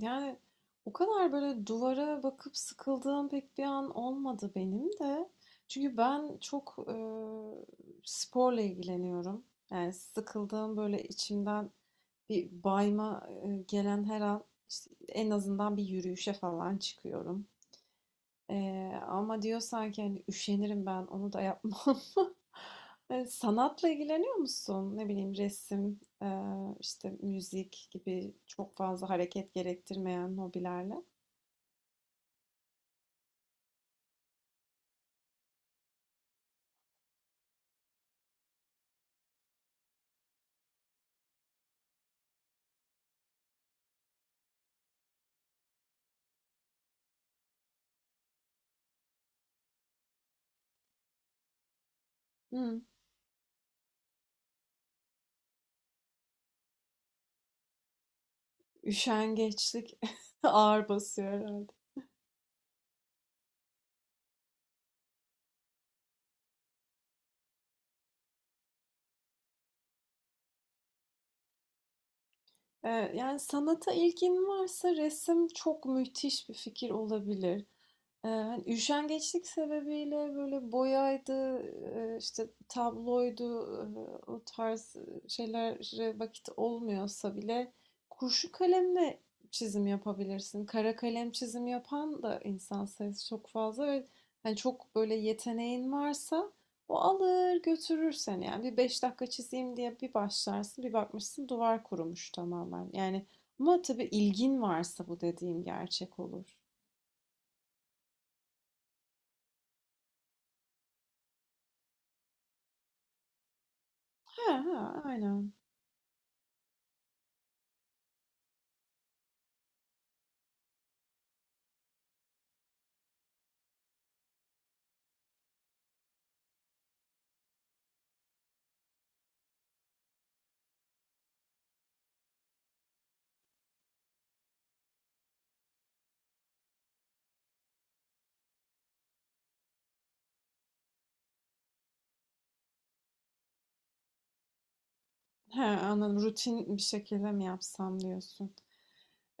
Yani, o kadar böyle duvara bakıp sıkıldığım pek bir an olmadı benim de. Çünkü ben çok, sporla ilgileniyorum. Yani, sıkıldığım, böyle içimden bir bayma, gelen her an, işte, en azından bir yürüyüşe falan çıkıyorum. Ama diyorsan ki, hani, üşenirim ben, onu da yapmam. Sanatla ilgileniyor musun? Ne bileyim, resim, işte, müzik gibi çok fazla hareket gerektirmeyen hobilerle? Hıı. Üşengeçlik ağır basıyor herhalde. Yani sanata ilgin varsa resim çok müthiş bir fikir olabilir. Hani üşengeçlik sebebiyle böyle boyaydı, işte tabloydu, o tarz şeylere vakit olmuyorsa bile kurşun kalemle çizim yapabilirsin. Kara kalem çizim yapan da insan sayısı çok fazla ve hani çok böyle yeteneğin varsa o alır götürür seni. Yani bir beş dakika çizeyim diye bir başlarsın, bir bakmışsın duvar kurumuş tamamen. Yani ama tabii ilgin varsa bu dediğim gerçek olur. Ha ha aynen. He, anladım. Rutin bir şekilde mi yapsam diyorsun.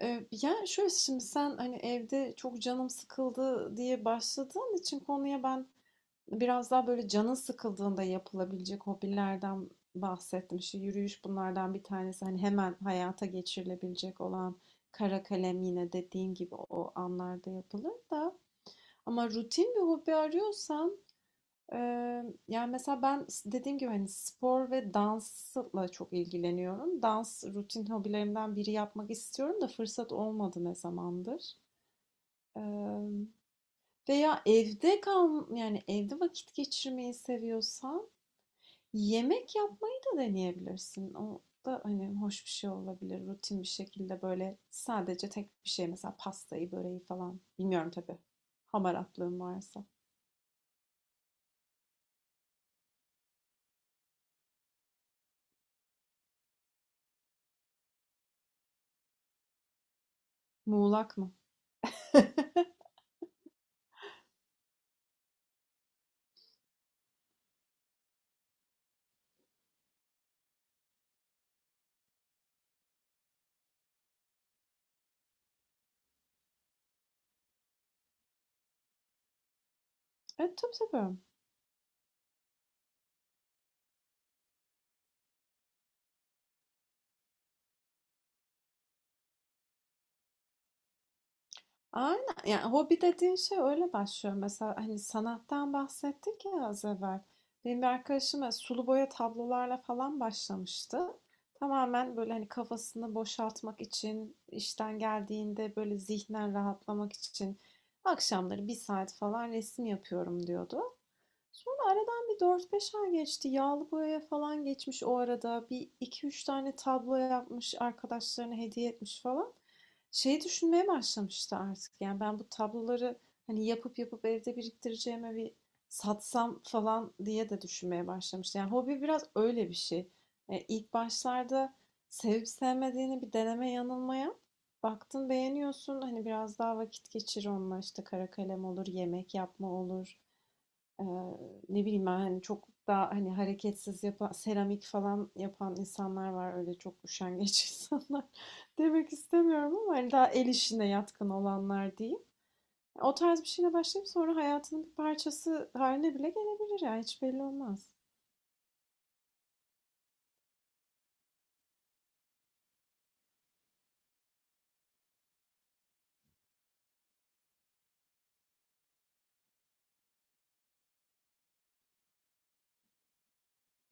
Yani şöyle şimdi sen hani evde çok canım sıkıldı diye başladığın için konuya ben biraz daha böyle canın sıkıldığında yapılabilecek hobilerden bahsettim. İşte yürüyüş bunlardan bir tanesi. Hani hemen hayata geçirilebilecek olan kara kalem yine dediğin gibi o anlarda yapılır da. Ama rutin bir hobi arıyorsan yani mesela ben dediğim gibi hani spor ve dansla çok ilgileniyorum. Dans rutin hobilerimden biri yapmak istiyorum da fırsat olmadı ne zamandır. Eee, veya evde kal, yani evde vakit geçirmeyi seviyorsan yemek yapmayı da deneyebilirsin. O da hani hoş bir şey olabilir. Rutin bir şekilde böyle sadece tek bir şey mesela pastayı, böreği falan. Bilmiyorum tabii. Hamaratlığın varsa. Muğlak mı? Evet, tabii tabii. Aynen. Yani hobi dediğin şey öyle başlıyor. Mesela hani sanattan bahsettik ya az evvel. Benim bir arkadaşım böyle sulu boya tablolarla falan başlamıştı. Tamamen böyle hani kafasını boşaltmak için, işten geldiğinde böyle zihnen rahatlamak için akşamları bir saat falan resim yapıyorum diyordu. Sonra aradan bir dört beş ay geçti. Yağlı boyaya falan geçmiş o arada. Bir iki üç tane tablo yapmış, arkadaşlarına hediye etmiş falan şey düşünmeye başlamıştı artık. Yani ben bu tabloları hani yapıp yapıp evde biriktireceğime bir satsam falan diye de düşünmeye başlamıştı. Yani hobi biraz öyle bir şey. E, ilk başlarda sevip sevmediğini bir deneme yanılma yap. Baktın beğeniyorsun, hani biraz daha vakit geçir onunla, işte kara kalem olur, yemek yapma olur. Eee, ne bileyim ben, hani çok daha hani hareketsiz yapan, seramik falan yapan insanlar var. Öyle çok üşengeç insanlar demek istemiyorum ama hani daha el işine yatkın olanlar diyeyim. O tarz bir şeyle başlayıp sonra hayatının bir parçası haline bile gelebilir ya. Hiç belli olmaz.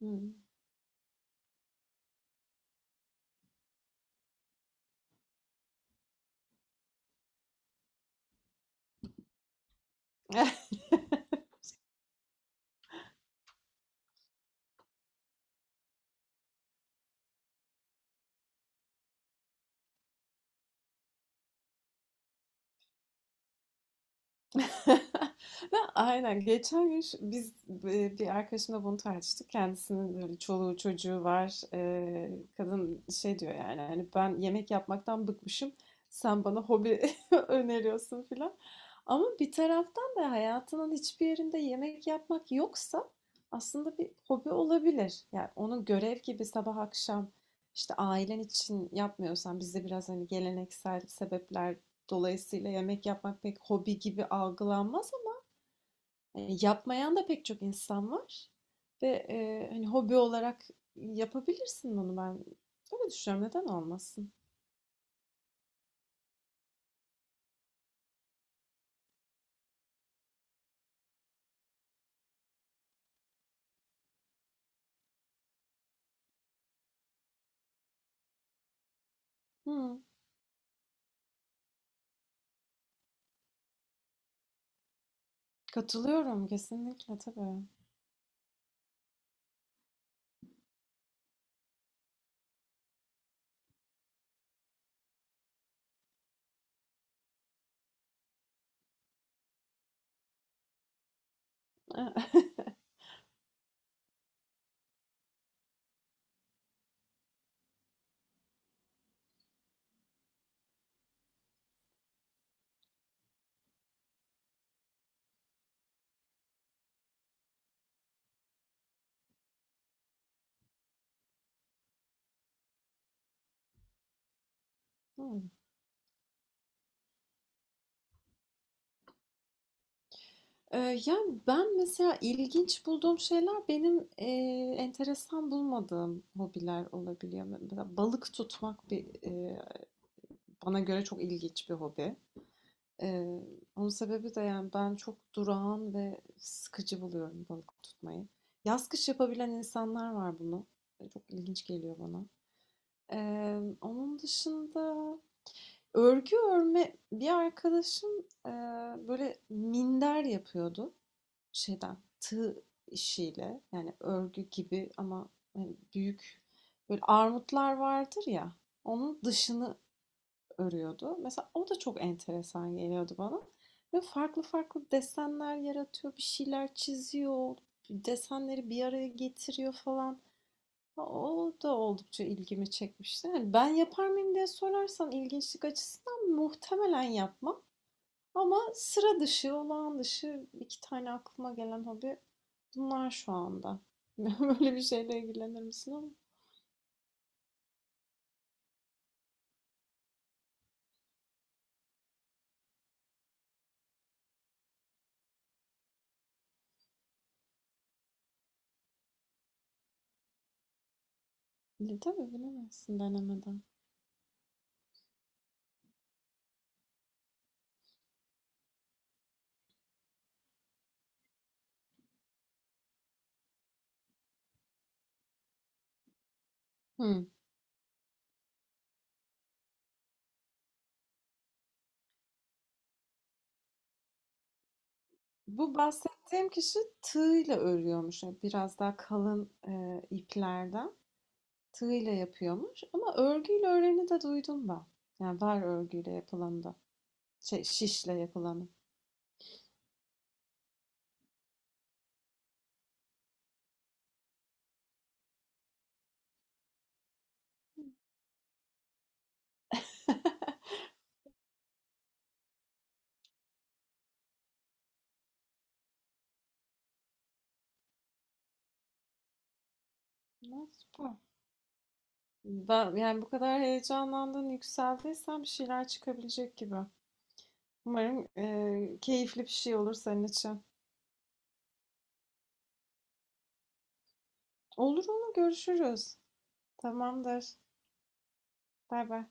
Hmm. ne Aynen. Geçen gün biz e, bir arkadaşımla bunu tartıştık. Kendisinin böyle çoluğu çocuğu var. E, kadın şey diyor, yani hani ben yemek yapmaktan bıkmışım. Sen bana hobi öneriyorsun filan. Ama bir taraftan da hayatının hiçbir yerinde yemek yapmak yoksa aslında bir hobi olabilir. Yani onun görev gibi sabah akşam işte ailen için yapmıyorsan, bizde biraz hani geleneksel sebepler dolayısıyla yemek yapmak pek hobi gibi algılanmaz ama e, yapmayan da pek çok insan var. Ve e, hani hobi olarak yapabilirsin bunu ben. Öyle düşünüyorum. Neden olmasın? Hı, katılıyorum kesinlikle tabii. Hmm. Yani ben mesela ilginç bulduğum şeyler benim e, enteresan bulmadığım hobiler olabiliyor. Mesela balık tutmak bir e, bana göre çok ilginç bir hobi. Eee, onun sebebi de yani ben çok durağan ve sıkıcı buluyorum balık tutmayı. Yaz kış yapabilen insanlar var bunu. E, çok ilginç geliyor bana. Onun dışında örgü örme bir arkadaşım eee, böyle minder yapıyordu, şeyden tığ işiyle, yani örgü gibi ama hani büyük böyle armutlar vardır ya, onun dışını örüyordu. Mesela o da çok enteresan geliyordu bana. Ve farklı farklı desenler yaratıyor, bir şeyler çiziyor, desenleri bir araya getiriyor falan. O da oldukça ilgimi çekmişti. Yani ben yapar mıyım diye sorarsan ilginçlik açısından muhtemelen yapmam. Ama sıra dışı, olağan dışı iki tane aklıma gelen hobi bunlar şu anda. Böyle bir şeyle ilgilenir misin ama? Tabii bilemezsin denemeden. Hı. Bu bahsettiğim kişi tığıyla örüyormuş. Yani biraz daha kalın e, iplerden tığıyla yapıyormuş. Ama örgüyle öreni de duydum ben. Yani var örgüyle yapılanı da. Şey, şişle yapılanı. Ama süper. Ben, yani bu kadar heyecanlandın, yükseldiysen bir şeyler çıkabilecek gibi. Umarım e, keyifli bir şey olur senin için. Olur olur, görüşürüz. Tamamdır. Bay bay.